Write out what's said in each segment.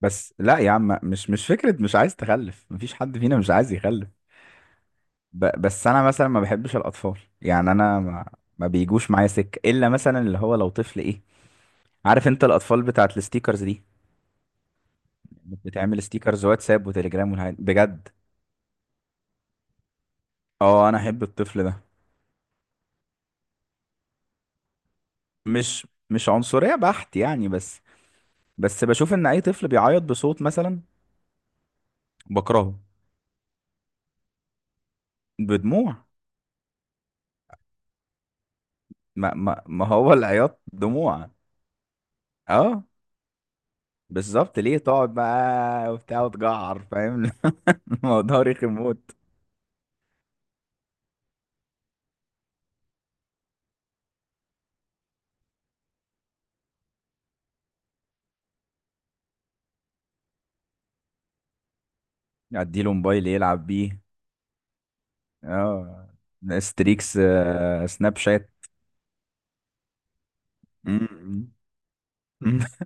بس لا يا عم، مش فكرة مش عايز تخلف، مفيش حد فينا مش عايز يخلف. بس انا مثلا ما بحبش الاطفال. يعني انا ما بيجوش معايا سكة، الا مثلا اللي هو لو طفل، ايه، عارف انت الاطفال بتاعت الستيكرز دي، بتعمل ستيكرز واتساب وتليجرام والحاجات بجد. اه، انا احب الطفل ده. مش عنصرية بحت يعني، بس بشوف ان اي طفل بيعيط بصوت مثلا بكرهه. بدموع، ما هو العياط دموع. اه، بالظبط، ليه تقعد بقى وبتاع وتجعر؟ فاهم. الموضوع رخم موت. اديله موبايل يلعب بيه. اه، ستريكس، سناب شات. م- م.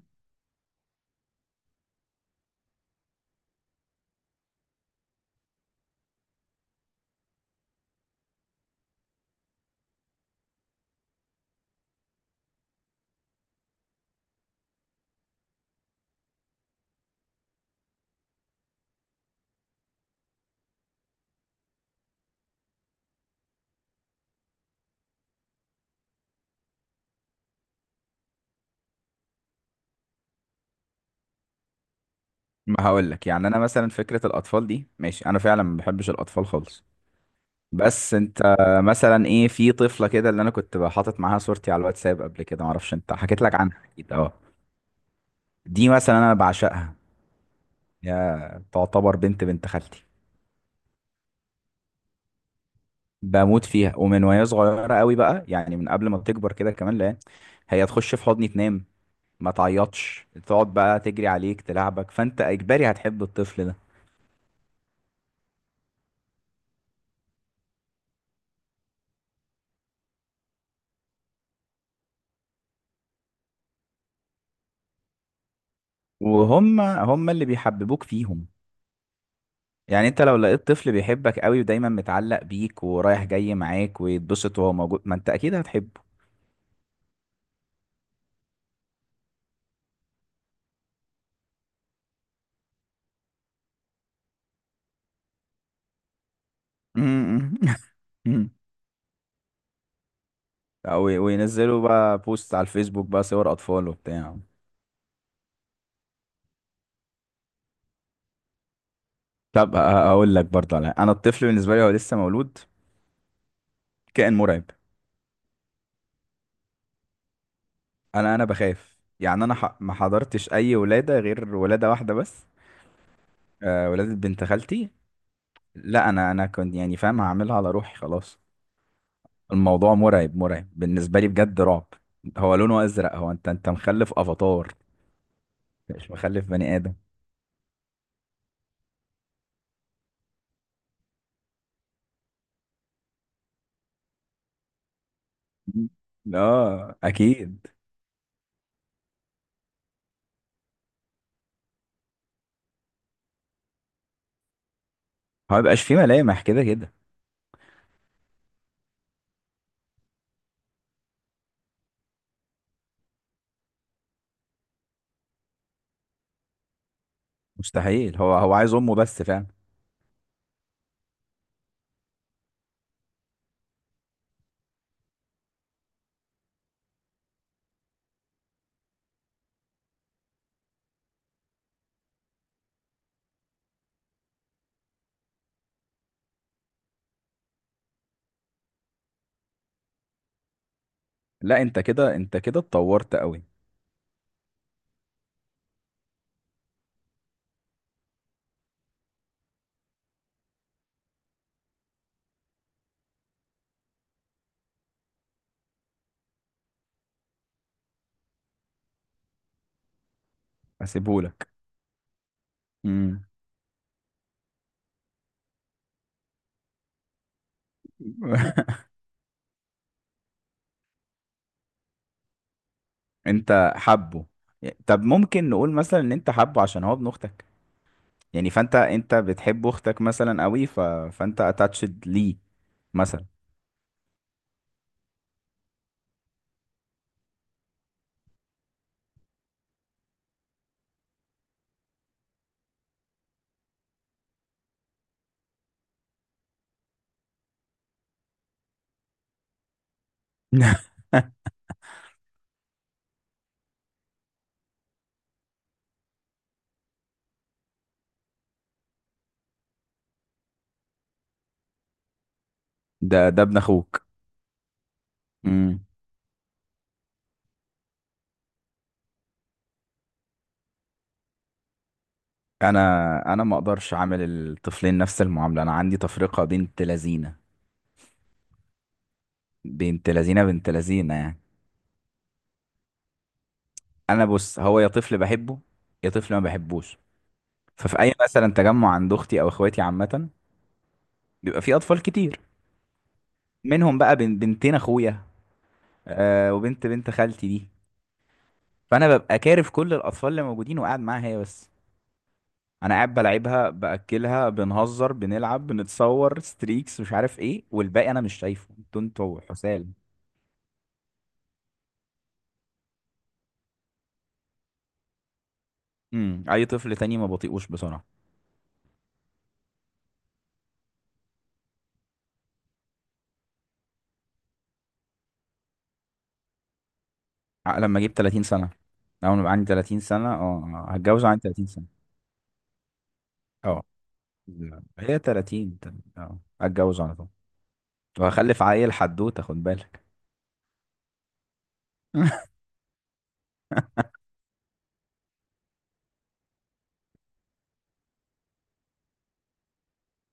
ما هقول لك، يعني انا مثلا فكره الاطفال دي ماشي، انا فعلا ما بحبش الاطفال خالص. بس انت مثلا ايه، في طفله كده اللي انا كنت حاطط معاها صورتي على الواتساب قبل كده، ما اعرفش انت حكيت لك عنها، اكيد اه. دي مثلا انا بعشقها. هي تعتبر بنت بنت خالتي. بموت فيها، ومن وهي صغيرة قوي بقى، يعني من قبل ما تكبر كده كمان. لا، هي تخش في حضني تنام، ما تعيطش، تقعد بقى تجري عليك تلعبك، فانت اجباري هتحب الطفل ده. وهم هم اللي بيحببوك فيهم. يعني انت لو لقيت طفل بيحبك قوي، ودايما متعلق بيك، ورايح جاي معاك، ويتبسط وهو موجود، ما انت اكيد هتحبه. مم. أو وينزلوا بقى بوست على الفيسبوك بقى صور اطفال وبتاع. طب، اقول لك برضه، على انا الطفل بالنسبة لي هو لسه مولود كائن مرعب. انا، بخاف يعني. انا ما حضرتش اي ولاده غير ولاده واحده بس. آه، ولاده بنت خالتي. لا، انا كنت يعني فاهم، هعملها على روحي خلاص. الموضوع مرعب، مرعب بالنسبه لي، بجد رعب. هو لونه ازرق، هو انت، مخلف افاتار؟ مش مخلف بني ادم. اه اكيد. هو مبيبقاش فيه ملامح كده كده. مستحيل. هو عايز امه بس فعلا. لا، انت كده، انت كده اتطورت قوي. اسيبهولك. امم. انت حبه. طب ممكن نقول مثلا ان انت حبه عشان هو ابن اختك؟ يعني فانت، بتحب اختك مثلا قوي، فانت اتاتشد ليه مثلا؟ ده ابن اخوك. امم. انا، ما اقدرش اعمل الطفلين نفس المعامله. انا عندي تفرقه. بنت لذينه. بنت لذينه، بنت لذينه يعني. انا بص، هو يا طفل بحبه يا طفل ما بحبوش. ففي اي مثلا تجمع عند اختي او اخواتي عامه، بيبقى في اطفال كتير، منهم بقى بنتين اخويا، آه، وبنت بنت خالتي دي. فانا ببقى كارف كل الاطفال اللي موجودين، وقاعد معاها هي بس. انا قاعد بلعبها، باكلها، بنهزر، بنلعب، بنتصور ستريكس، مش عارف ايه، والباقي انا مش شايفه. انتوا حسال امم. اي طفل تاني ما بطيقوش بسرعه. لما اجيب 30 سنه. لو انا عندي 30 سنه اه. هتجوز عندي 30 سنه. اه لا، هي 30 اه هتجوز على طول. وهخلف عيل، حدوته، خد بالك.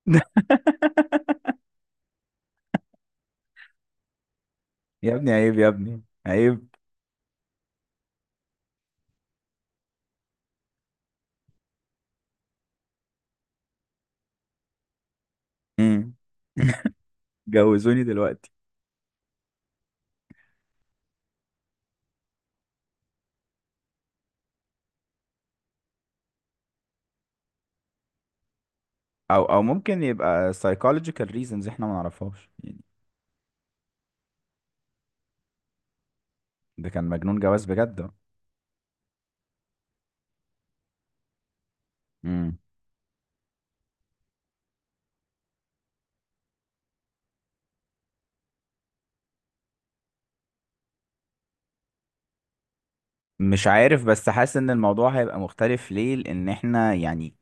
يا ابني عيب، يا ابني عيب. امم. جوزوني دلوقتي. او ممكن يبقى psychological reasons احنا ما نعرفهاش يعني. ده كان مجنون جواز بجد. امم. مش عارف، بس حاسس ان الموضوع هيبقى مختلف. ليه؟ لان احنا، يعني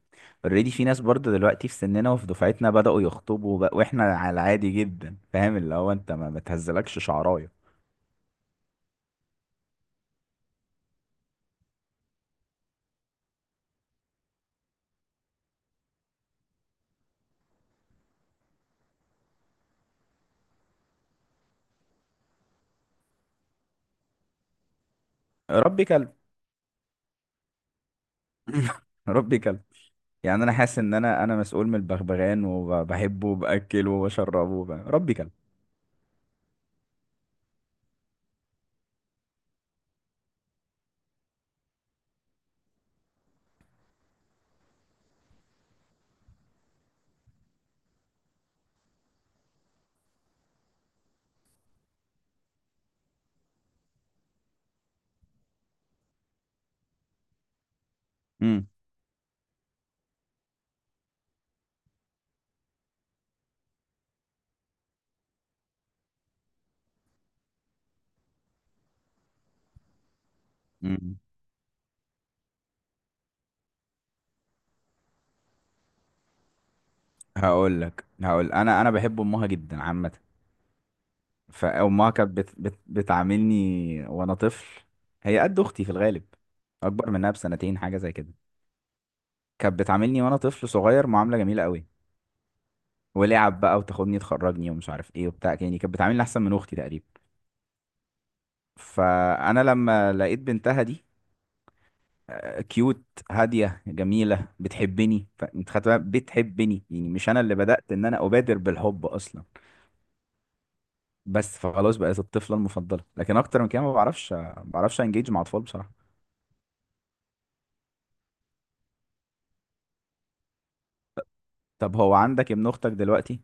اوريدي في ناس برضه دلوقتي في سننا وفي دفعتنا بدأوا يخطبوا بقى، واحنا على العادي جدا. فاهم، اللي هو انت ما بتهزلكش شعرايه. ربي كلب. ربي كلب. يعني انا حاسس ان انا مسؤول من البغبغان، وبحبه، وباكله، وبشربه، ربي كلب. امم. امم. هقول لك. هقول، انا بحب امها جدا عامه. فأمها كانت بتعاملني وأنا طفل. هي قد أختي في الغالب، أكبر منها بسنتين حاجة زي كده. كانت بتعاملني وأنا طفل صغير معاملة جميلة قوي، ولعب بقى، وتاخدني تخرجني، ومش عارف إيه وبتاع. يعني كانت بتعاملني أحسن من أختي تقريبا. فأنا لما لقيت بنتها دي، كيوت، هادية، جميلة، بتحبني، فأنت خدت بالك؟ بتحبني يعني، مش أنا اللي بدأت إن أنا أبادر بالحب أصلا. بس، فخلاص بقيت الطفلة المفضلة. لكن أكتر من كده ما بعرفش، ما بعرفش أنجيج مع أطفال بصراحة. طب هو عندك ابن اختك دلوقتي؟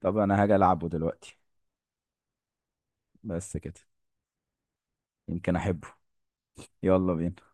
طب انا هاجي العبه دلوقتي. بس كده، يمكن احبه. يلا بينا.